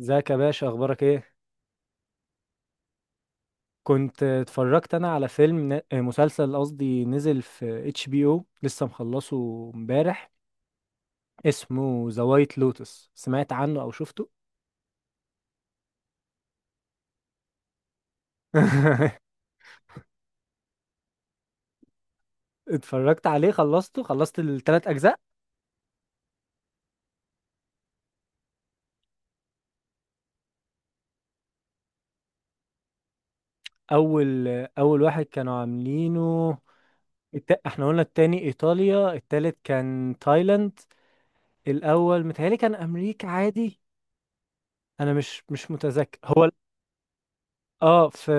ازيك يا باشا، اخبارك ايه؟ كنت اتفرجت انا على فيلم مسلسل قصدي نزل في HBO، لسه مخلصه امبارح. اسمه ذا وايت لوتس، سمعت عنه او شفته؟ اتفرجت عليه، خلصته خلصت الثلاث اجزاء. اول اول واحد كانوا عاملينه. احنا قلنا التاني ايطاليا، التالت كان تايلاند. الاول متهيألي كان امريكا عادي. انا مش متذكر هو. اه في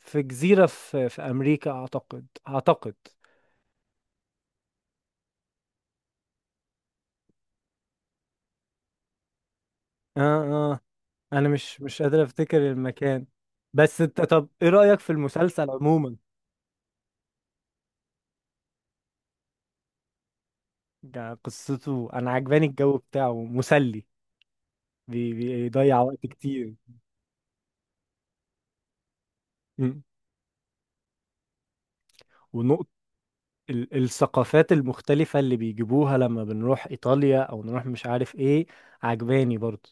في جزيرة، في أمريكا أعتقد. اه اه أنا مش قادر أفتكر المكان. بس أنت، طب إيه رأيك في المسلسل عموما؟ يعني قصته أنا عجباني، الجو بتاعه مسلي. بيضيع وقت كتير. مم. ونقط. الثقافات المختلفة اللي بيجيبوها لما بنروح إيطاليا أو نروح مش عارف إيه، عجباني برضه.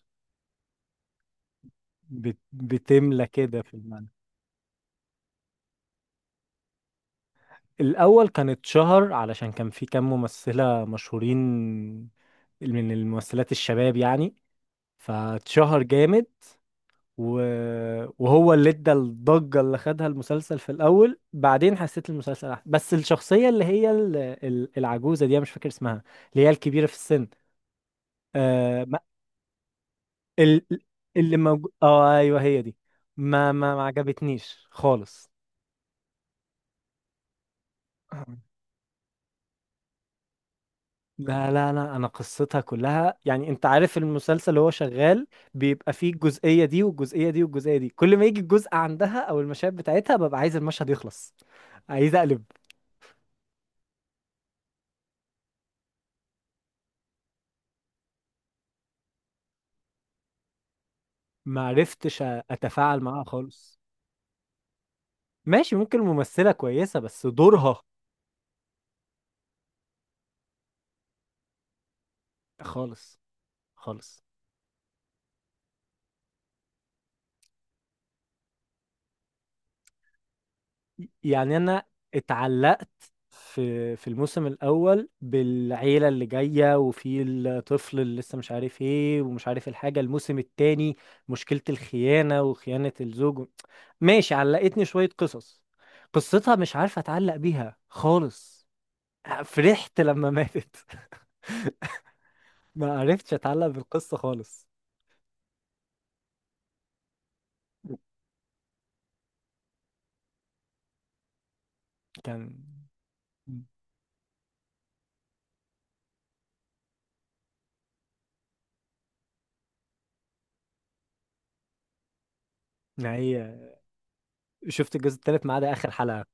بتملى كده في المعنى. الأول كان اتشهر علشان كان في كام ممثلة مشهورين، من الممثلات الشباب يعني، فاتشهر جامد. و... وهو اللي ادى الضجة اللي خدها المسلسل في الأول، بعدين حسيت المسلسل أحسن. بس الشخصية اللي هي العجوزة دي، أنا مش فاكر اسمها، اللي هي الكبيرة في السن، آه ما... ال... اللي موجود اه ايوه هي دي، ما عجبتنيش خالص. لا لا لا، انا قصتها كلها يعني، انت عارف المسلسل هو شغال، بيبقى فيه الجزئية دي والجزئية دي والجزئية دي، كل ما يجي الجزء عندها او المشاهد بتاعتها ببقى عايز المشهد يخلص، عايز اقلب. ما عرفتش اتفاعل معاها خالص. ماشي، ممكن الممثلة كويسة بس دورها خالص خالص. يعني انا اتعلقت في الموسم الاول بالعيله اللي جايه، وفي الطفل اللي لسه مش عارف ايه ومش عارف الحاجه. الموسم التاني مشكله الخيانه وخيانه الزوج، ماشي علقتني شويه قصص. قصتها مش عارف اتعلق بيها خالص، فرحت لما ماتت. ما عرفتش اتعلق بالقصه خالص. كان، ما هي، شفت الجزء التالت ما عدا اخر حلقه.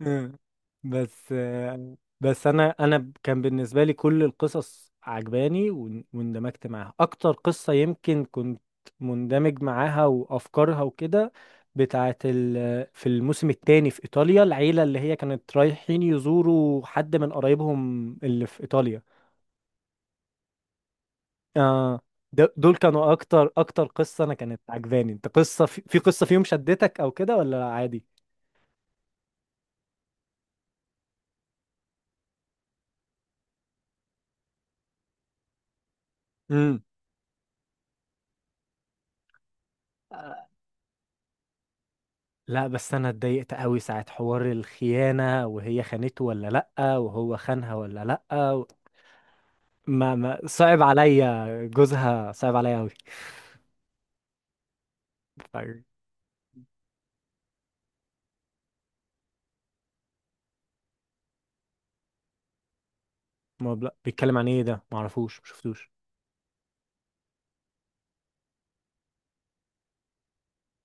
مم. بس بس انا كان بالنسبه لي كل القصص عجباني، واندمجت معاها اكتر قصه يمكن كنت مندمج معاها وافكارها وكده، بتاعه في الموسم الثاني في ايطاليا العيله اللي هي كانت رايحين يزوروا حد من قرايبهم اللي في ايطاليا. اه دول كانوا اكتر قصه انا كانت عجباني. انت قصه في قصه فيهم شدتك او كده ولا عادي؟ امم لا، بس انا اتضايقت قوي ساعة حوار الخيانة، وهي خانته ولا لأ، وهو خانها ولا لأ ما صعب عليا جوزها، صعب عليا قوي. طيب، ما بلا بيتكلم عن ايه ده؟ ما اعرفوش، ما شفتوش.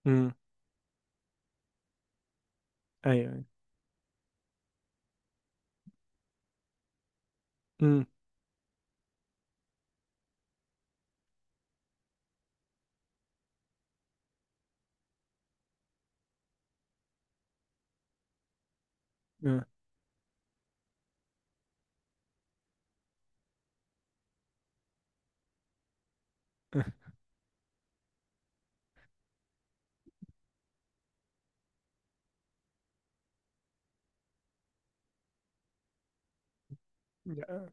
امم ايوه ايوه. امم آه، آه. لا.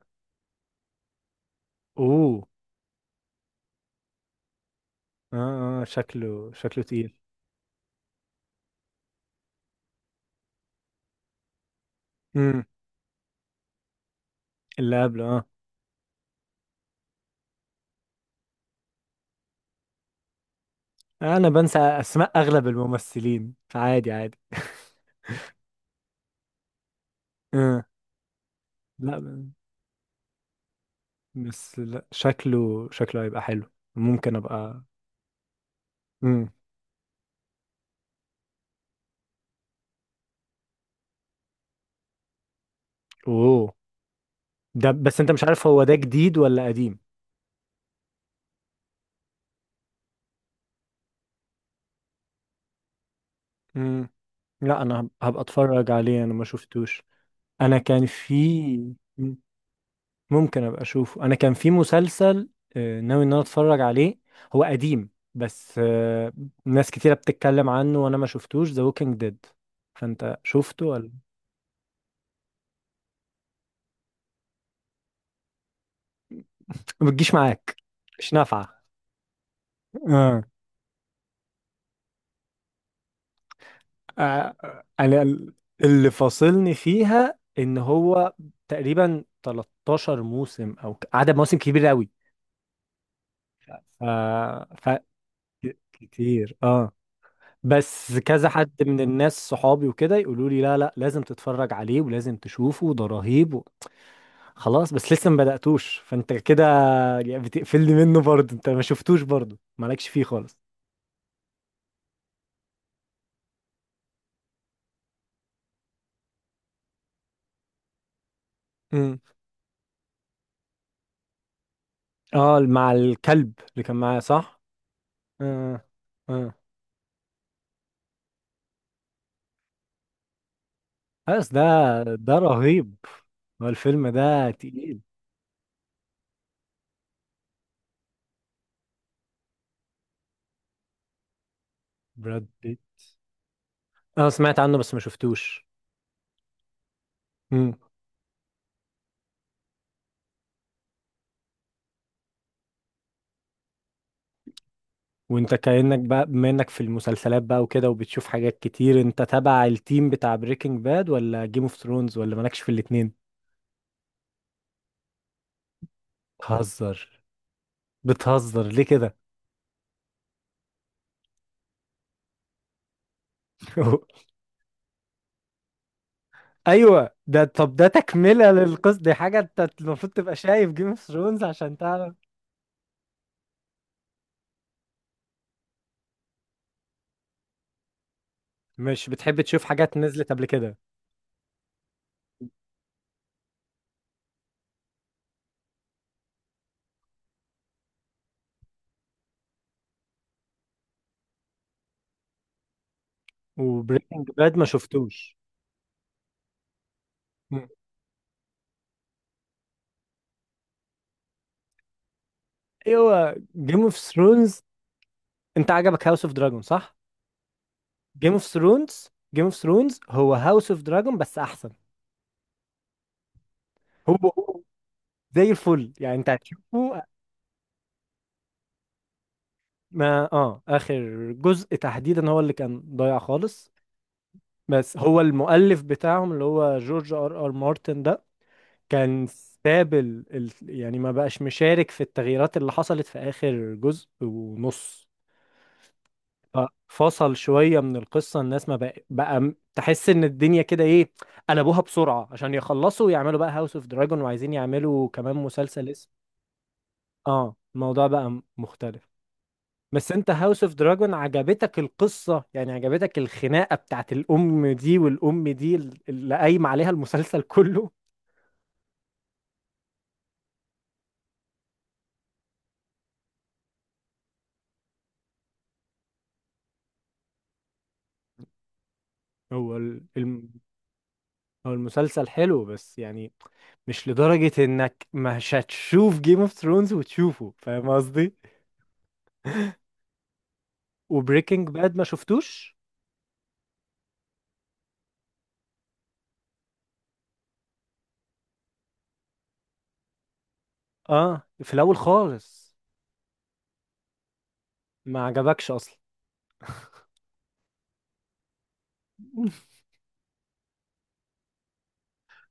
اوه. اه شكله تقيل. امم اللي قبله اه. انا بنسى اسماء اغلب الممثلين، فعادي عادي. آه. لا، بس لا، شكله هيبقى حلو، ممكن ابقى. اوه. ده بس انت مش عارف هو ده جديد ولا قديم. امم لا، انا هبقى اتفرج عليه، انا ما شفتوش. انا كان في. مم. ممكن ابقى اشوفه، انا كان في مسلسل ناوي ان انا اتفرج عليه، هو قديم بس ناس كتيرة بتتكلم عنه وانا ما شفتوش، ذا ووكينج ديد. فانت شفته ولا؟ ما بتجيش معاك، مش نافعة. آه، انا اللي فاصلني فيها ان هو تقريبا 13 موسم او عدد مواسم كبير قوي. ف... ف... كتير اه. بس كذا حد من الناس صحابي وكده يقولوا لي لا لا لازم تتفرج عليه ولازم تشوفه، ده رهيب خلاص، بس لسه ما بدأتوش، فانت كده بتقفلني منه برضه، انت ما شفتوش برضه، مالكش فيه خالص. امم اه، مع الكلب اللي كان معايا صح؟ آه. آه. بس ده، ده رهيب، هو الفيلم ده تقيل. براد بيت، انا سمعت عنه بس ما شفتوش. مم. وانت كأنك بقى، بما انك في المسلسلات بقى وكده وبتشوف حاجات كتير، انت تبع التيم بتاع بريكنج باد ولا جيم اوف ثرونز ولا مالكش في الاتنين؟ بتهزر، بتهزر ليه كده؟ ايوه ده، طب ده تكملة للقصة دي، حاجة انت المفروض تبقى شايف جيم اوف ثرونز عشان تعرف. مش بتحب تشوف حاجات نزلت قبل كده؟ وبريكنج باد ما شفتوش؟ ايوه جيم اوف ثرونز. انت عجبك هاوس اوف دراجون صح؟ جيم اوف ثرونز هو هاوس اوف دراجون بس احسن. هو هو زي الفل يعني، انت هتشوفه. ما اه اخر جزء تحديدا هو اللي كان ضايع خالص. بس هو المؤلف بتاعهم اللي هو جورج R R مارتن ده، كان ساب يعني ما بقاش مشارك في التغييرات اللي حصلت في اخر جزء ونص، ففصل شوية من القصة، الناس ما بقى تحس ان الدنيا كده ايه، قلبوها بسرعة عشان يخلصوا ويعملوا بقى هاوس اوف دراجون، وعايزين يعملوا كمان مسلسل اسم. اه الموضوع بقى مختلف. بس انت هاوس اوف دراجون عجبتك القصة يعني، عجبتك الخناقة بتاعت الام دي والام دي، اللي قايم عليها المسلسل كله. هو هو المسلسل حلو بس يعني مش لدرجة انك مش هتشوف جيم اوف ثرونز وتشوفه، فاهم قصدي؟ وبريكنج باد ما شفتوش؟ اه في الاول خالص. ما عجبكش اصلا.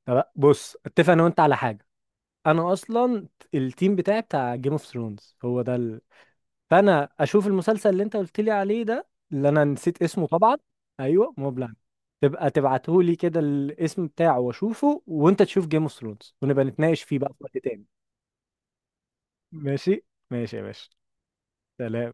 طب بص، اتفق انا وانت على حاجه، انا اصلا التيم بتاعي بتاع جيم اوف ثرونز هو ده فانا اشوف المسلسل اللي انت قلت لي عليه ده، اللي انا نسيت اسمه طبعا. ايوه مبلغ. تبقى تبعته لي كده الاسم بتاعه واشوفه، وانت تشوف جيم اوف ثرونز ونبقى نتناقش فيه بقى في وقت تاني. ماشي ماشي يا باشا، سلام.